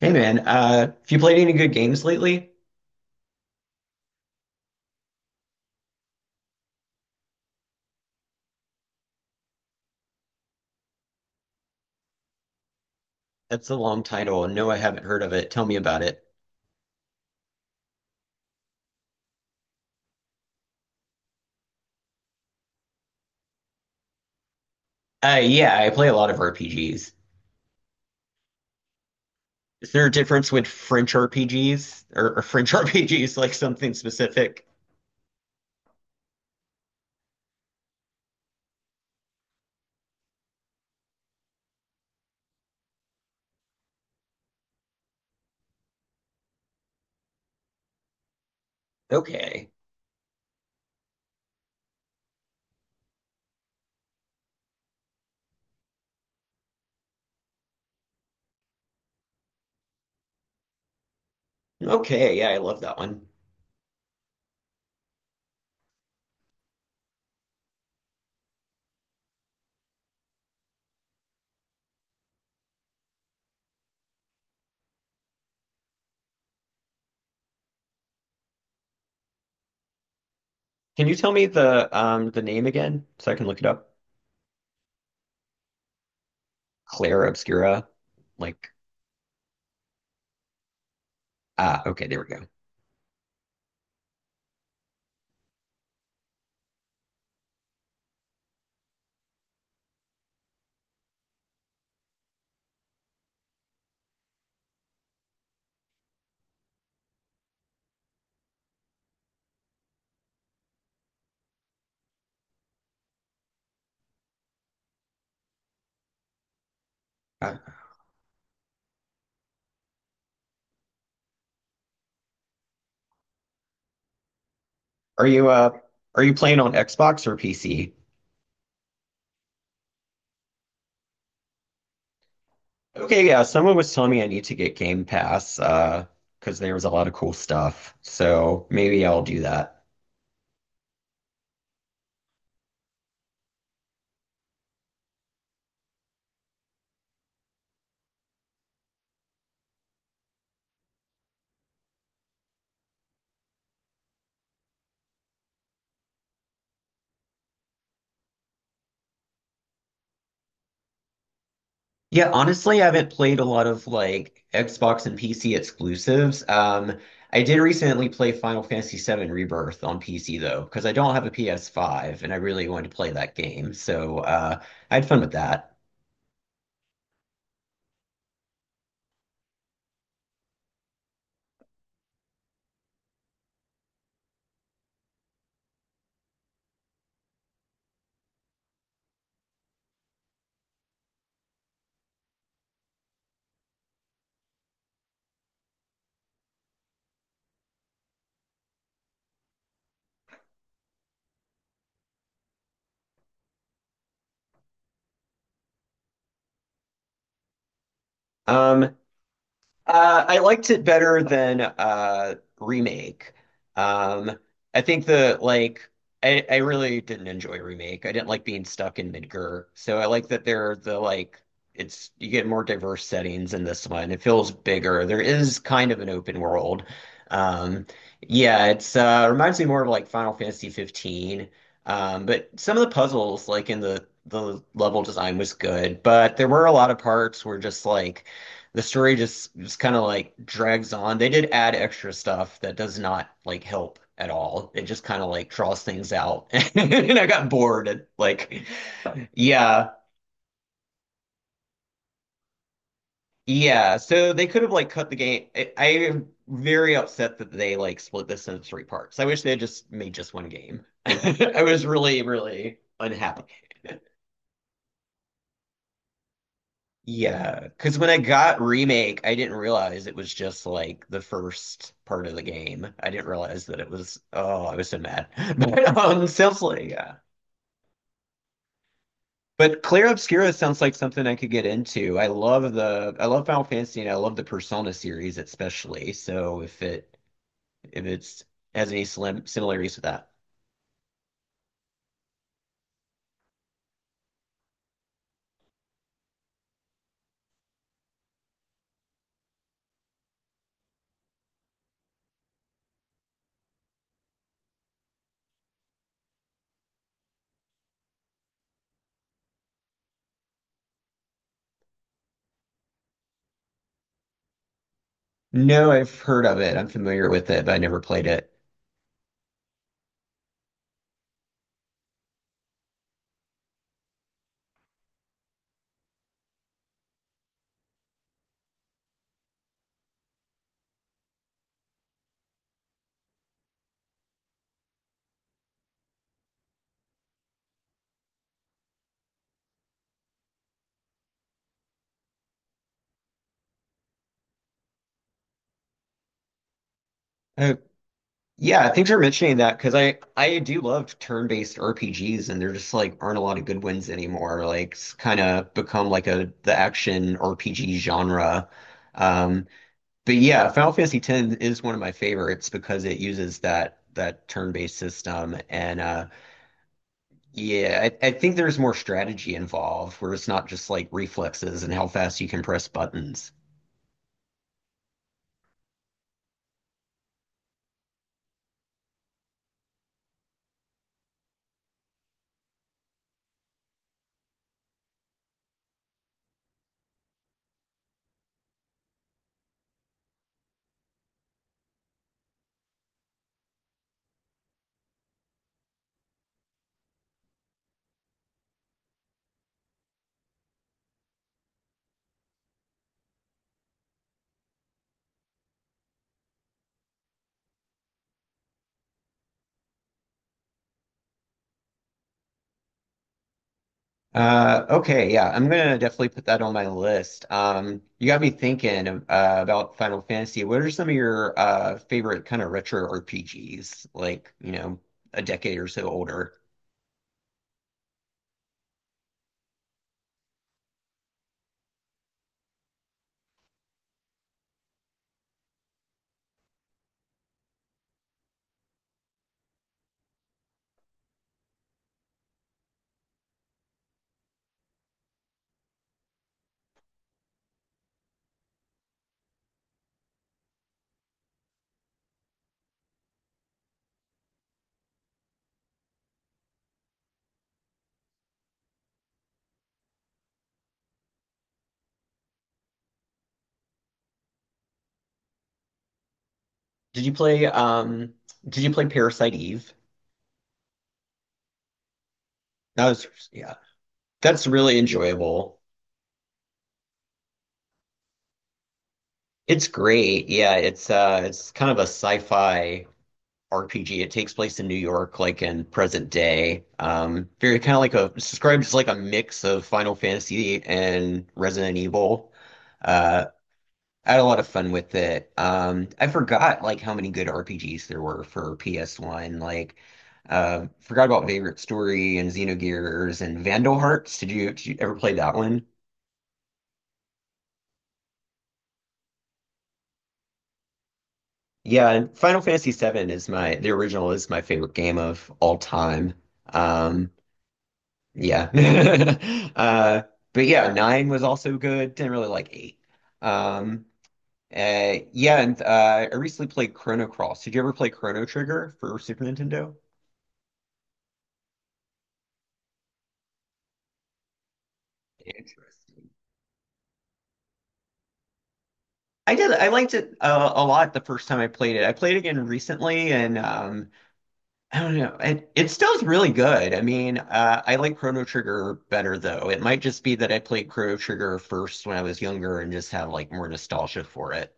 Hey man, have you played any good games lately? That's a long title. No, I haven't heard of it. Tell me about it. Yeah, I play a lot of RPGs. Is there a difference with French RPGs or French RPGs, like something specific? Okay, okay, yeah, I love that one. Can you tell me the name again so I can look it up? Claire Obscura. Like, okay, there we go. Uh, are you are you playing on Xbox or PC? Okay, yeah, someone was telling me I need to get Game Pass, because there was a lot of cool stuff. So maybe I'll do that. Yeah, honestly, I haven't played a lot of like Xbox and PC exclusives. I did recently play Final Fantasy VII Rebirth on PC though, because I don't have a PS5 and I really wanted to play that game. So I had fun with that. Um, I liked it better than remake. Um, I think I really didn't enjoy remake. I didn't like being stuck in Midgar, so I like that they are the like it's you get more diverse settings in this one. It feels bigger. There is kind of an open world. Um, yeah, it's reminds me more of like Final Fantasy 15. But some of the puzzles, like in the level design was good, but there were a lot of parts where just kind of like drags on. They did add extra stuff that does not like help at all. It just kind of like draws things out. And I got bored and like yeah. Yeah, so they could have like cut the game. I am very upset that they like split this into three parts. I wish they had just made just one game. I was really, really unhappy. Yeah, because when I got Remake, I didn't realize it was just like the first part of the game. I didn't realize that it was, oh, I was so mad. But seriously, yeah. But Clair Obscura sounds like something I could get into. I love Final Fantasy and I love the Persona series especially. So if it, if it's has any slim similarities with that. No, I've heard of it. I'm familiar with it, but I never played it. Uh, Yeah, thanks for mentioning that because I do love turn-based RPGs and there just like aren't a lot of good ones anymore. Like it's kind of become like a the action RPG genre. Um, but yeah, Final Fantasy X is one of my favorites because it uses that turn-based system and yeah, I think there's more strategy involved where it's not just like reflexes and how fast you can press buttons. Okay, yeah, I'm gonna definitely put that on my list. You got me thinking about Final Fantasy. What are some of your favorite kind of retro RPGs, like, you know, a decade or so older? Did you play um did you play Parasite Eve? That was yeah. That's really enjoyable. It's great. Yeah, it's kind of a sci-fi RPG. It takes place in New York, like in present day. Very kind of like a it's described as like a mix of Final Fantasy and Resident Evil. Uh, I had a lot of fun with it. I forgot like how many good RPGs there were for PS1. Like, forgot about Favorite Story and Xenogears and Vandal Hearts. Did you ever play that one? Yeah, and Final Fantasy VII is my the original is my favorite game of all time. Um, Yeah. Uh, but yeah, nine was also good. Didn't really like eight. Um, yeah, and I recently played Chrono Cross. Did you ever play Chrono Trigger for Super Nintendo? Interesting. I did. I liked it a lot the first time I played it. I played it again recently, and I don't know. It still's really good. I mean, I like Chrono Trigger better though. It might just be that I played Chrono Trigger first when I was younger and just have like more nostalgia for it.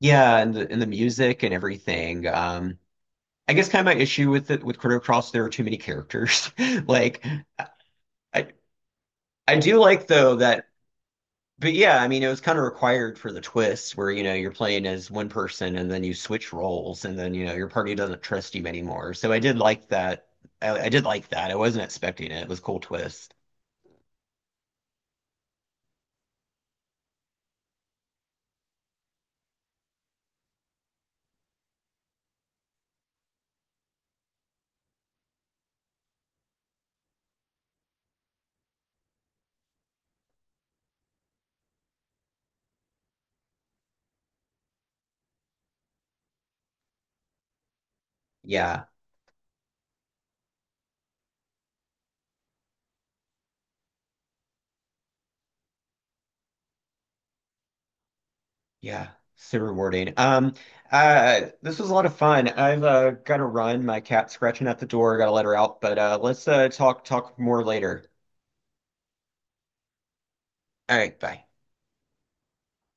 Yeah, and the music and everything. I guess kind of my issue with it with Chrono Cross, there are too many characters. Like, I I do like though but yeah, I mean it was kind of required for the twist where you know you're playing as one person and then you switch roles and then you know your party doesn't trust you anymore. So I did like that. I did like that. I wasn't expecting it. It was a cool twist. Yeah. Yeah, super rewarding. This was a lot of fun. I've got to run. My cat's scratching at the door. Got to let her out. But let's talk more later. All right, bye.